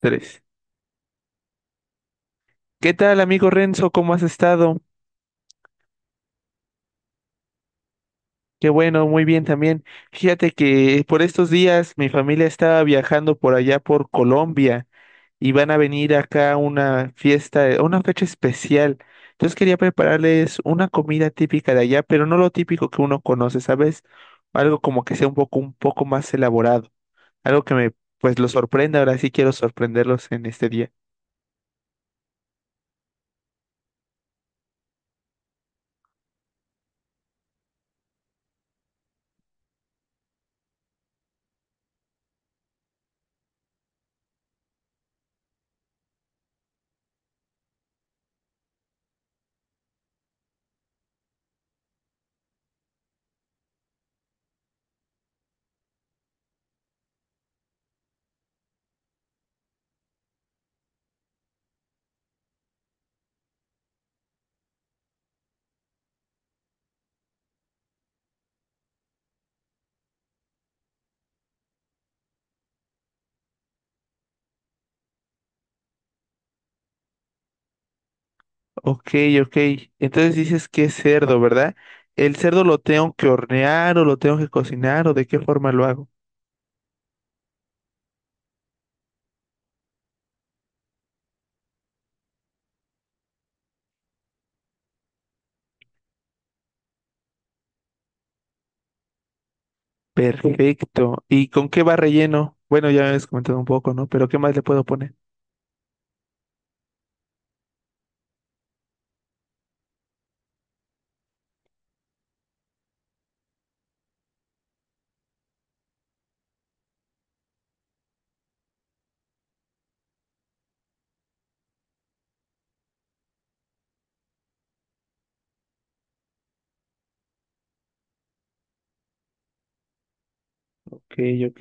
Tres. ¿Qué tal, amigo Renzo? ¿Cómo has estado? Qué bueno, muy bien también. Fíjate que por estos días mi familia estaba viajando por allá por Colombia y van a venir acá a una fiesta, una fecha especial. Entonces quería prepararles una comida típica de allá, pero no lo típico que uno conoce, ¿sabes? Algo como que sea un poco más elaborado, algo que me, pues, lo sorprenda. Ahora sí quiero sorprenderlos en este día. Ok, ok. Entonces dices que es cerdo, ¿verdad? ¿El cerdo lo tengo que hornear o lo tengo que cocinar o de qué forma lo hago? Perfecto. ¿Y con qué va relleno? Bueno, ya me habías comentado un poco, ¿no? Pero ¿qué más le puedo poner? Ok, ok.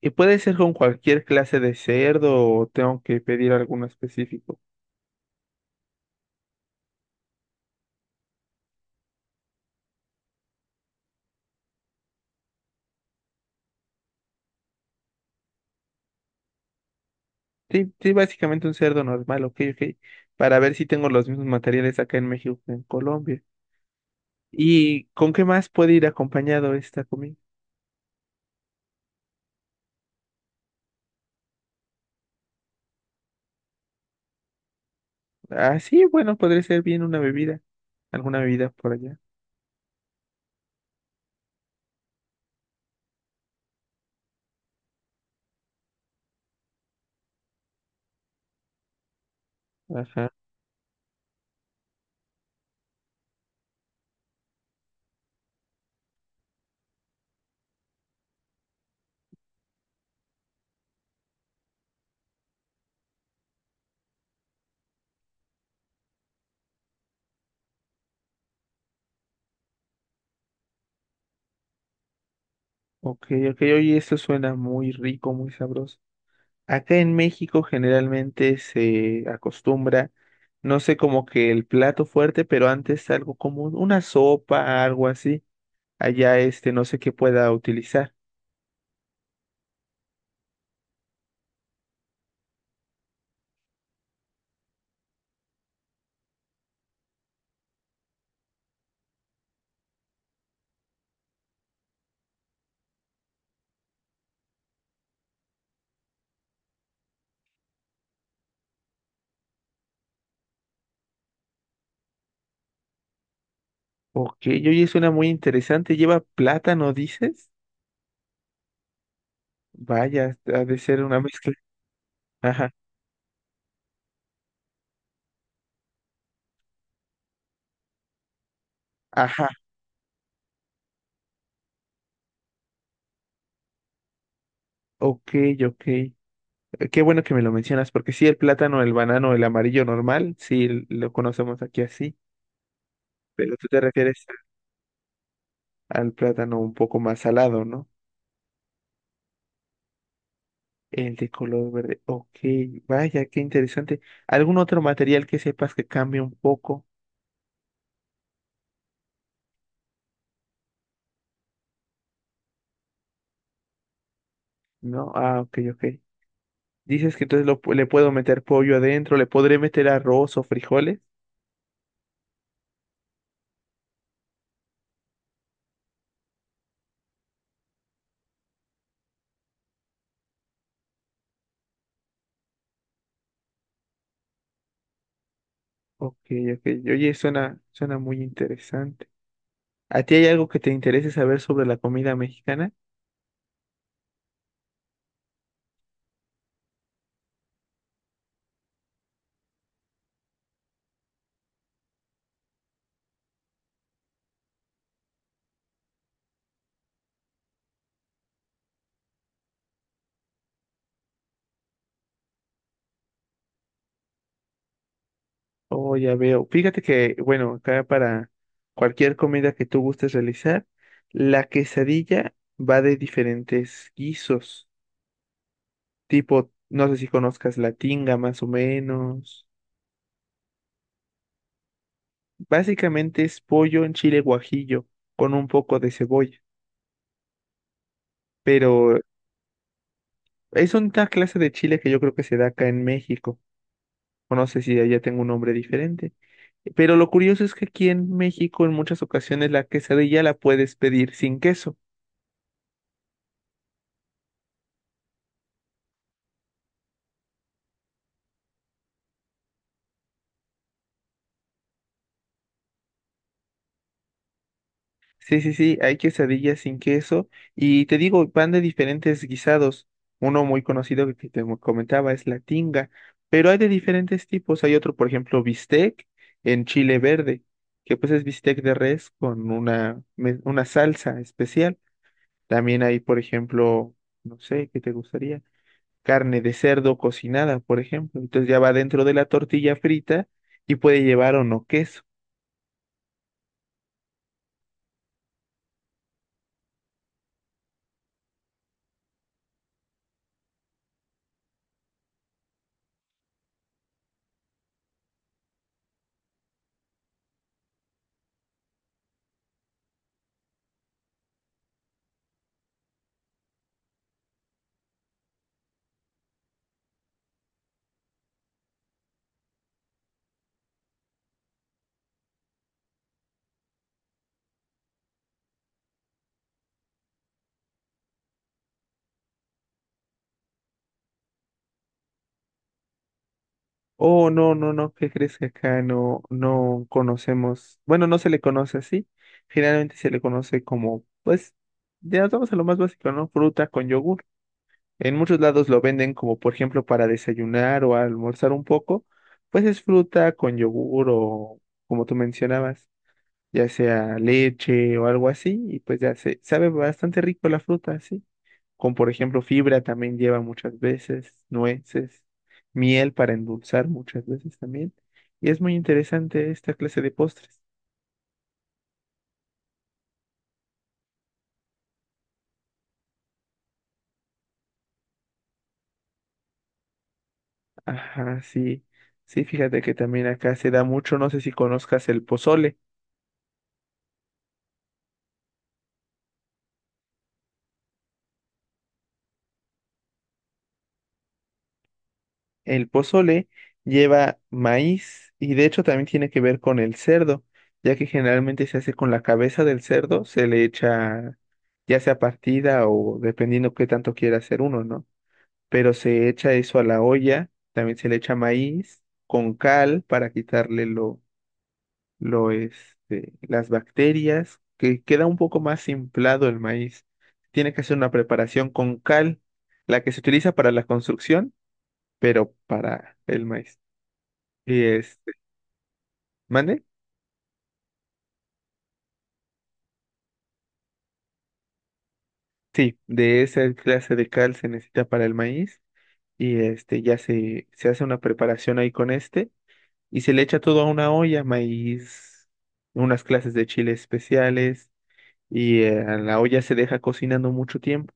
¿Y puede ser con cualquier clase de cerdo o tengo que pedir alguno específico? Sí, sí, básicamente un cerdo normal, ok, ok. Para ver si tengo los mismos materiales acá en México que en Colombia. ¿Y con qué más puede ir acompañado esta comida? Ah, sí, bueno, podría ser bien una bebida, alguna bebida por allá. Ajá. Ok, ok, oye, eso suena muy rico, muy sabroso. Acá en México generalmente se acostumbra, no sé, como que el plato fuerte, pero antes algo como una sopa, algo así. Allá este, no sé qué pueda utilizar. Ok, oye, suena muy interesante. ¿Lleva plátano, dices? Vaya, ha de ser una mezcla. Ajá, ajá, ok, ok. Qué bueno que me lo mencionas, porque sí, el plátano, el banano, el amarillo normal, sí lo conocemos aquí así, pero tú te refieres al plátano un poco más salado, ¿no? El de color verde. Ok, vaya, qué interesante. ¿Algún otro material que sepas que cambie un poco? No, ah, ok, ok. Dices que entonces le puedo meter pollo adentro, le podré meter arroz o frijoles. Ok, ok. Oye, suena muy interesante. ¿A ti hay algo que te interese saber sobre la comida mexicana? Oh, ya veo. Fíjate que, bueno, acá para cualquier comida que tú gustes realizar, la quesadilla va de diferentes guisos, tipo, no sé si conozcas la tinga más o menos. Básicamente es pollo en chile guajillo con un poco de cebolla, pero es una clase de chile que yo creo que se da acá en México, o no sé si allá tengo un nombre diferente. Pero lo curioso es que aquí en México en muchas ocasiones la quesadilla la puedes pedir sin queso. Sí, sí, sí, hay quesadillas sin queso y te digo, van de diferentes guisados. Uno muy conocido que comentaba es la tinga, pero hay de diferentes tipos. Hay otro, por ejemplo, bistec en chile verde, que pues es bistec de res con una salsa especial. También hay, por ejemplo, no sé, ¿qué te gustaría? Carne de cerdo cocinada, por ejemplo. Entonces ya va dentro de la tortilla frita y puede llevar o no queso. Oh, no, no, no, ¿qué crees que acá no, no conocemos? Bueno, no se le conoce así. Generalmente se le conoce como, pues, ya nos vamos a lo más básico, ¿no? Fruta con yogur. En muchos lados lo venden como, por ejemplo, para desayunar o almorzar un poco. Pues es fruta con yogur o, como tú mencionabas, ya sea leche o algo así. Y pues ya se sabe bastante rico la fruta, sí con por ejemplo fibra también lleva muchas veces, nueces, miel para endulzar muchas veces también. Y es muy interesante esta clase de postres. Ajá, sí, sí, fíjate que también acá se da mucho, no sé si conozcas el pozole. El pozole lleva maíz y de hecho también tiene que ver con el cerdo, ya que generalmente se hace con la cabeza del cerdo, se le echa ya sea partida o dependiendo qué tanto quiera hacer uno, ¿no? Pero se echa eso a la olla, también se le echa maíz con cal para quitarle este, las bacterias, que queda un poco más inflado el maíz. Tiene que hacer una preparación con cal, la que se utiliza para la construcción, pero para el maíz. Y este, ¿mande? Sí, de esa clase de cal se necesita para el maíz. Y este ya se hace una preparación ahí con este, y se le echa todo a una olla, maíz, unas clases de chiles especiales y a la olla se deja cocinando mucho tiempo.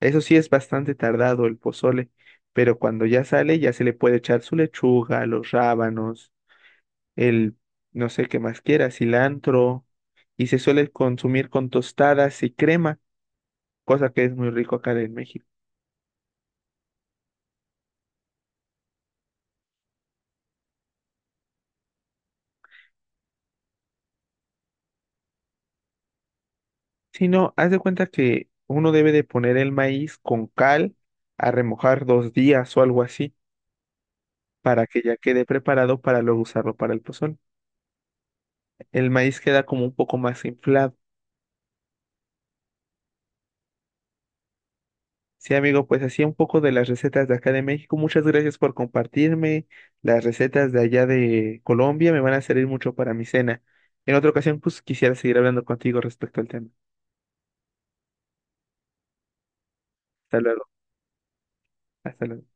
Eso sí es bastante tardado el pozole, pero cuando ya sale ya se le puede echar su lechuga, los rábanos, el no sé qué más quiera, cilantro y se suele consumir con tostadas y crema, cosa que es muy rico acá en México. Si no, haz de cuenta que uno debe de poner el maíz con cal a remojar 2 días o algo así para que ya quede preparado para luego usarlo para el pozol. El maíz queda como un poco más inflado. Sí, amigo, pues así un poco de las recetas de acá de México. Muchas gracias por compartirme las recetas de allá de Colombia. Me van a servir mucho para mi cena. En otra ocasión, pues quisiera seguir hablando contigo respecto al tema. Hasta luego. Hasta luego.